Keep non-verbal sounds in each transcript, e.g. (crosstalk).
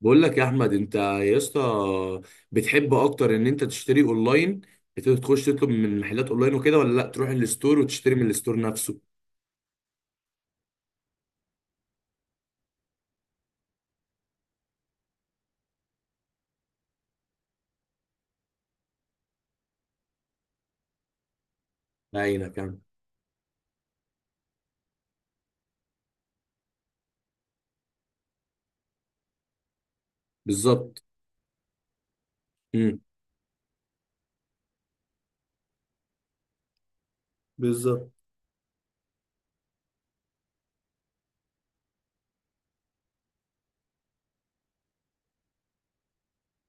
بقول لك يا احمد، انت يا اسطى بتحب اكتر ان انت تشتري اونلاين؟ بتقدر تخش تطلب من محلات اونلاين وكده، ولا لا تروح الستور وتشتري من الستور نفسه؟ بعينك يعني. بالظبط. امم. بالظبط.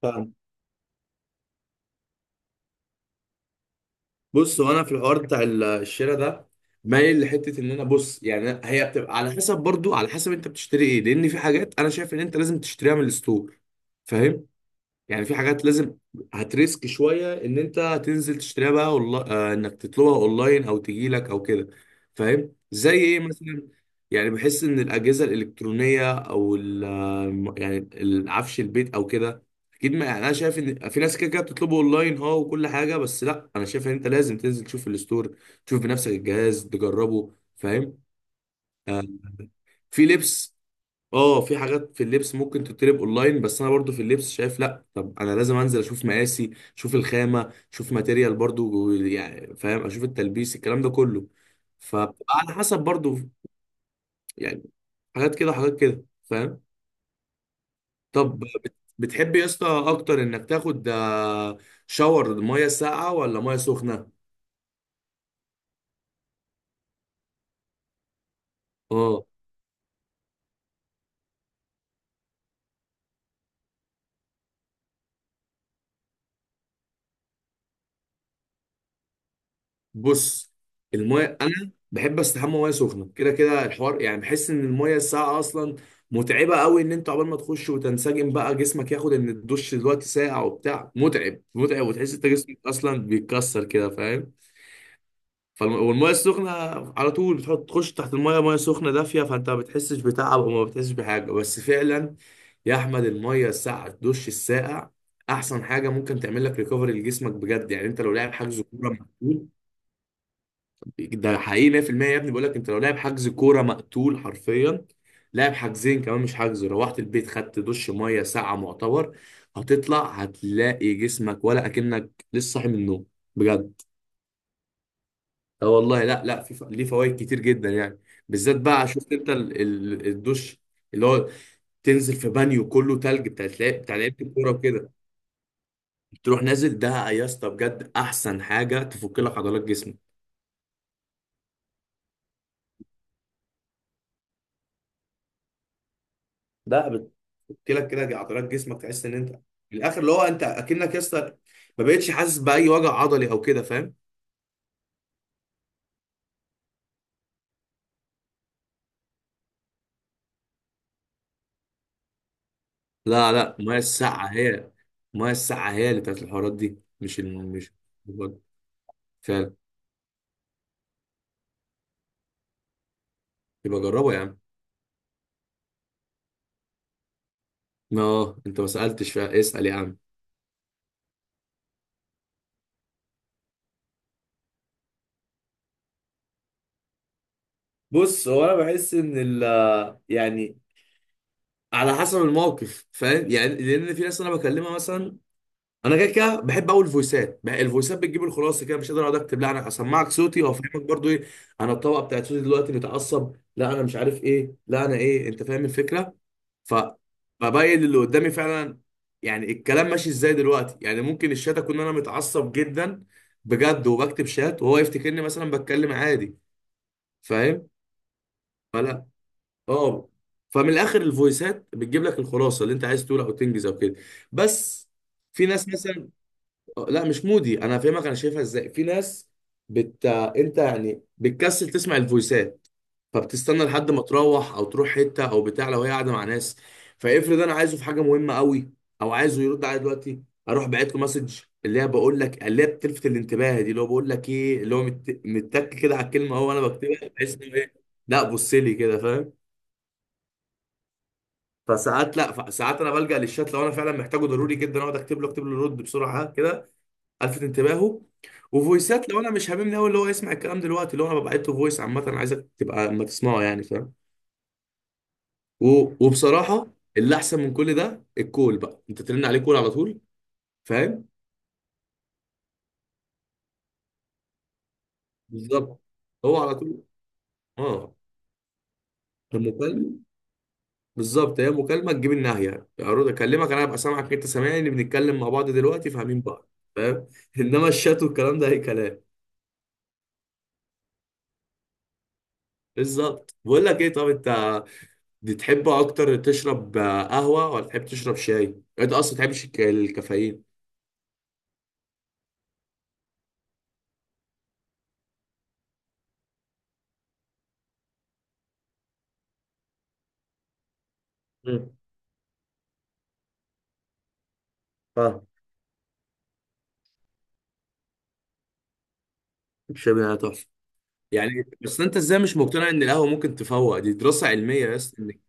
فاهم. بص، وانا في الحوار بتاع (laughs) الشراء ده، مايل لحته ان انا، بص يعني هي بتبقى على حسب، برضو على حسب انت بتشتري ايه. لان في حاجات انا شايف ان انت لازم تشتريها من الستور. فاهم؟ يعني في حاجات لازم هتريسك شويه ان انت تنزل تشتريها، بقى والله انك تطلبها اونلاين او تجي لك او كده. فاهم زي ايه مثلا؟ يعني بحس ان الاجهزه الالكترونيه، او يعني العفش البيت او كده. اكيد، ما يعني انا شايف ان في ناس كده كده بتطلبه اونلاين، اه، وكل حاجه، بس لا، انا شايف ان انت لازم تنزل تشوف الستور، تشوف بنفسك الجهاز تجربه. فاهم؟ آه. في لبس، اه، في حاجات في اللبس ممكن تتطلب اونلاين، بس انا برضو في اللبس شايف لا، طب انا لازم انزل اشوف مقاسي، اشوف الخامه، اشوف ماتيريال برضو يعني. فاهم؟ اشوف التلبيس، الكلام ده كله. فبتبقى على حسب برضو يعني، حاجات كده وحاجات كده. فاهم؟ طب بتحب يا اسطى اكتر انك تاخد شاور ميه ساقعه ولا ميه سخنه؟ اه، بص، المايه انا بحب استحمى ميه سخنه كده كده. الحوار يعني، بحس ان المايه الساقعه اصلا متعبه قوي، ان انت عقبال ما تخش وتنسجم بقى، جسمك ياخد ان الدش دلوقتي ساقع وبتاع، متعب متعب، وتحس انت جسمك اصلا بيتكسر كده. فاهم؟ والميه السخنه على طول بتحط، تخش تحت المايه، ميه سخنه دافيه، فانت ما بتحسش بتعب وما بتحسش بحاجه. بس فعلا يا احمد، المايه الساقعه، الدش الساقع احسن حاجه ممكن تعمل لك ريكفري لجسمك بجد. يعني انت لو لاعب حجز كوره، ده حقيقي 100% يا ابني. بقول لك، انت لو لاعب حجز كوره مقتول حرفيا، لاعب حجزين كمان مش حجز، روحت البيت خدت دش ميه ساعه معتبر، هتطلع هتلاقي جسمك ولا اكنك لسه صاحي من النوم بجد. اه والله، لا في ليه فوائد كتير جدا يعني. بالذات بقى، شفت انت الدش اللي هو تنزل في بانيو كله تلج بتاع، تلاقي بتاع لعيبه الكوره وكده، تروح نازل ده يا اسطى؟ بجد احسن حاجه تفك لك عضلات جسمك. ده قلت لك، كده عضلات جسمك تحس ان انت في الاخر اللي هو انت اكنك يا اسطى ما بقتش حاسس باي وجع عضلي او كده. فاهم؟ لا، الميه الساقعه هي، الميه الساقعه هي اللي بتاعت الحوارات دي، مش فعلا. يبقى جربه يا عم. اه، انت ما سالتش، فاسال يا عم. بص، هو انا بحس ان ال، يعني على حسب الموقف. فاهم يعني؟ لان في ناس انا بكلمها مثلا، انا كده كده بحب اقول الفويسات بقى، الفويسات بتجيب الخلاصه كده. مش قادر اقعد اكتب، لا انا اسمعك صوتي وافهمك برضو ايه انا الطبقه بتاعت صوتي دلوقتي، متعصب، لا انا مش عارف ايه، لا انا ايه. انت فاهم الفكره؟ ف ببين اللي قدامي فعلا يعني الكلام ماشي ازاي دلوقتي. يعني ممكن الشات اكون انا متعصب جدا بجد، وبكتب شات وهو يفتكرني مثلا بتكلم عادي. فاهم؟ فلا، اه، فمن الاخر الفويسات بتجيب لك الخلاصه اللي انت عايز تقولها او تنجز او كده. بس في ناس مثلا، لا مش مودي، انا فاهمك انا شايفها ازاي. في ناس انت يعني بتكسل تسمع الفويسات، فبتستنى لحد ما تروح، او تروح حته او بتاع، لو هي قاعده مع ناس. فافرض انا عايزه في حاجه مهمه قوي، او عايزه يرد عليا دلوقتي، اروح باعت له مسج اللي هي بقول لك اللي هي بتلفت الانتباه دي. اللي هو بقول لك ايه اللي هو متك كده على الكلمه، هو انا بكتبها بحيث انه ايه، لا بص لي كده. فاهم؟ فساعات، لا ساعات انا بلجأ للشات لو انا فعلا محتاجه ضروري جدا، اقعد اكتب له اكتب له رد بسرعه كده، الفت انتباهه. وفويسات لو انا مش هاممني قوي اللي هو يسمع الكلام دلوقتي، اللي هو انا ببعت له فويس عامه، انا عايزك تبقى ما تسمعه يعني. فاهم؟ وبصراحه اللي احسن من كل ده الكول بقى، انت ترن عليه كول على طول. فاهم؟ بالظبط، هو على طول. اه المكالمه، بالظبط، هي مكالمه تجيب الناحيه، اقعد اكلمك انا ابقى سامعك، انت سامعني، بنتكلم مع بعض دلوقتي فاهمين بعض. فاهم؟ (laughs) انما الشات والكلام ده اي كلام. بالظبط. بقول لك ايه، طب انت دي تحب اكتر تشرب قهوه ولا تحب تشرب شاي؟ انت اصلا تحبش الكافيين؟ مم. فاهم. الشاي بيبقى تحفه يعني. بس انت ازاي مش مقتنع ان القهوه ممكن تفوق؟ دي دراسه علميه، بس انك،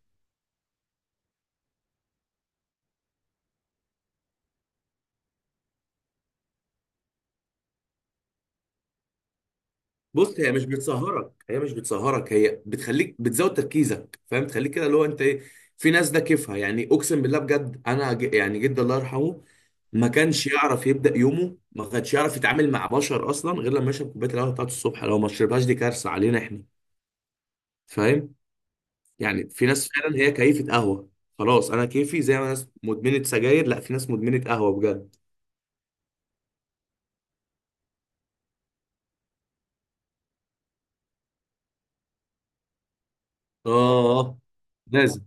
بص هي مش بتسهرك، هي مش بتسهرك، هي بتخليك بتزود تركيزك. فاهم؟ تخليك كده اللي هو انت ايه. في ناس ده كيفها، يعني اقسم بالله بجد انا يعني جدي الله يرحمه ما كانش يعرف يبدا يومه، ما كانش يعرف يتعامل مع بشر اصلا، غير لما يشرب كوبايه القهوه بتاعته الصبح. لو ما شربهاش دي كارثه علينا احنا. يعني في ناس فعلا هي كيفة قهوة. خلاص انا كيفي، زي ما ناس مدمنة سجاير، لا في ناس مدمنة قهوة بجد. اه، آه، لازم.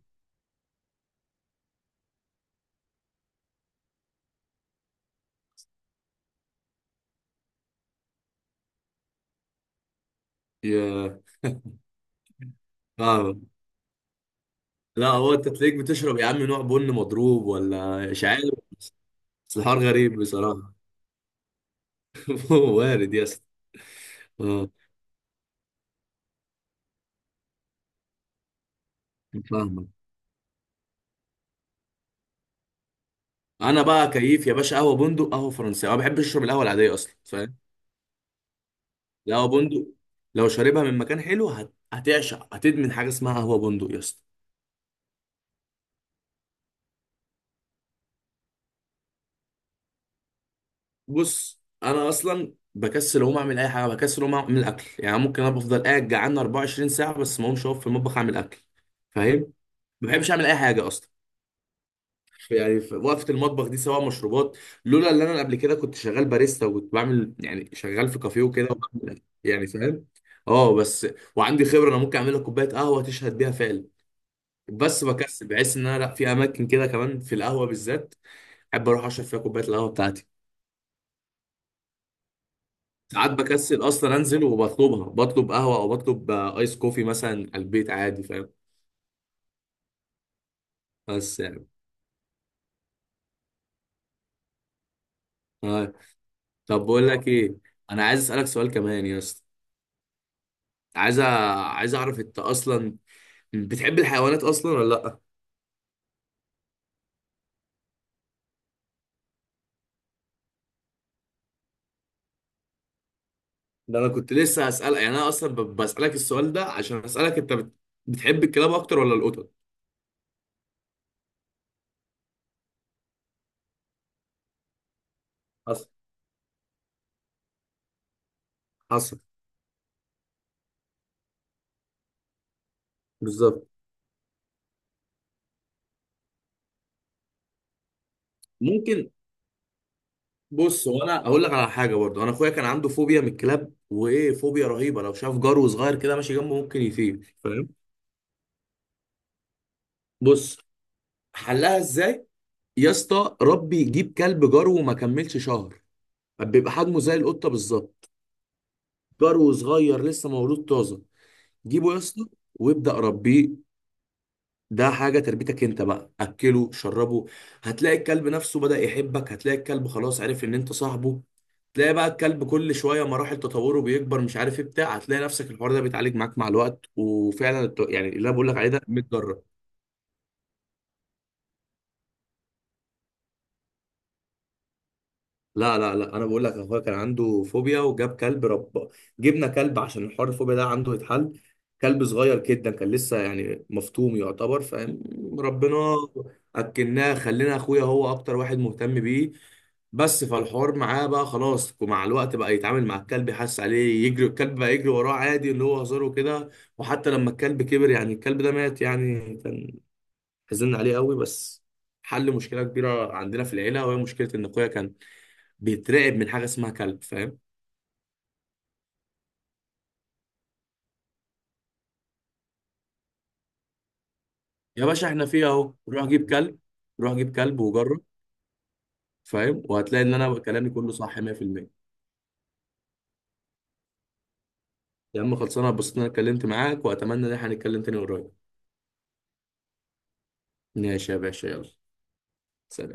يا فاهم، لا هو انت تلاقيك بتشرب يا عم نوع بن مضروب ولا مش عارف. بس الحوار غريب بصراحة. (laughs) وارد يا اسطى. اه فاهمك. انا بقى كيف يا باشا قهوة بندق، قهوة فرنسية، انا ما بحبش اشرب القهوة العادية اصلا. فاهم؟ القهوة بندق لو شاربها من مكان حلو، هتعشق، هتدمن حاجة اسمها قهوة بندق يا اسطى. بص، انا اصلا بكسل اقوم اعمل اي حاجه، بكسل اقوم اعمل اكل، يعني ممكن انا بفضل قاعد جعان 24 ساعه بس ما اقومش اقف في المطبخ اعمل اكل. فاهم؟ ما بحبش اعمل اي حاجه اصلا يعني، في وقفه المطبخ دي سواء مشروبات. لولا ان انا قبل كده كنت شغال باريستا، وكنت بعمل يعني، شغال في كافيه وكده وبعمل، يعني. فاهم؟ اه بس، وعندي خبره انا ممكن اعمل لك كوبايه قهوه تشهد بيها فعلا. بس بكسل، بحس ان انا، لا في اماكن كده كمان في القهوه بالذات احب اروح اشرب فيها كوبايه القهوه بتاعتي. ساعات بكسل اصلا انزل وبطلبها، بطلب قهوه او بطلب ايس كوفي مثلا على البيت عادي. فاهم؟ بس يعني، آه. طب بقول لك ايه، انا عايز اسالك سؤال كمان يا اسطى. عايز أ- عايز اعرف انت اصلا بتحب الحيوانات اصلا ولا لا؟ ده انا كنت لسه هسالك، يعني انا اصلا بسالك السؤال ده عشان اسالك انت بتحب الكلاب اكتر ولا القطط؟ حصل. حصل. بالظبط. ممكن، بص هو انا اقول لك على حاجه برضه، انا اخويا كان عنده فوبيا من الكلاب، وايه فوبيا رهيبه، لو شاف جرو صغير كده ماشي جنبه ممكن يطير. فاهم؟ بص، حلها ازاي يا اسطى؟ ربي يجيب كلب جرو وما كملش شهر، بيبقى حجمه زي القطه بالظبط، جرو صغير لسه مولود طازه. جيبه يا اسطى، وابدا ربيه. ده حاجه تربيتك انت بقى، اكله شربه. هتلاقي الكلب نفسه بدا يحبك، هتلاقي الكلب خلاص عرف ان انت صاحبه، تلاقي بقى الكلب كل شويه مراحل تطوره بيكبر مش عارف ايه بتاع، هتلاقي نفسك الحوار ده بيتعالج معاك مع الوقت. وفعلا يعني اللي انا بقول لك عليه ده 100 جره. لا، انا بقول لك اخويا كان عنده فوبيا وجاب كلب، رب، جبنا كلب عشان الحوار الفوبيا ده عنده يتحل. كلب صغير جدا كان لسه يعني مفتوم يعتبر. فاهم؟ ربنا. اكلناه، خلينا، اخويا هو اكتر واحد مهتم بيه. بس فالحوار معاه بقى خلاص، ومع الوقت بقى يتعامل مع الكلب، يحس عليه، يجري الكلب بقى يجري وراه عادي اللي هو هزاره كده. وحتى لما الكلب كبر، يعني الكلب ده مات يعني، كان حزن عليه قوي، بس حل مشكلة كبيرة عندنا في العيلة، وهي مشكلة إن أخويا كان بيترعب من حاجه اسمها كلب. فاهم؟ يا باشا احنا فيها اهو، روح جيب كلب، روح جيب كلب وجرب. فاهم؟ وهتلاقي ان انا كلامي كله صح 100%. يا عم خلصانه، اتبسطت ان انا اتكلمت معاك واتمنى ان احنا نتكلم تاني قريب. ماشي يا باشا، يلا. سلام.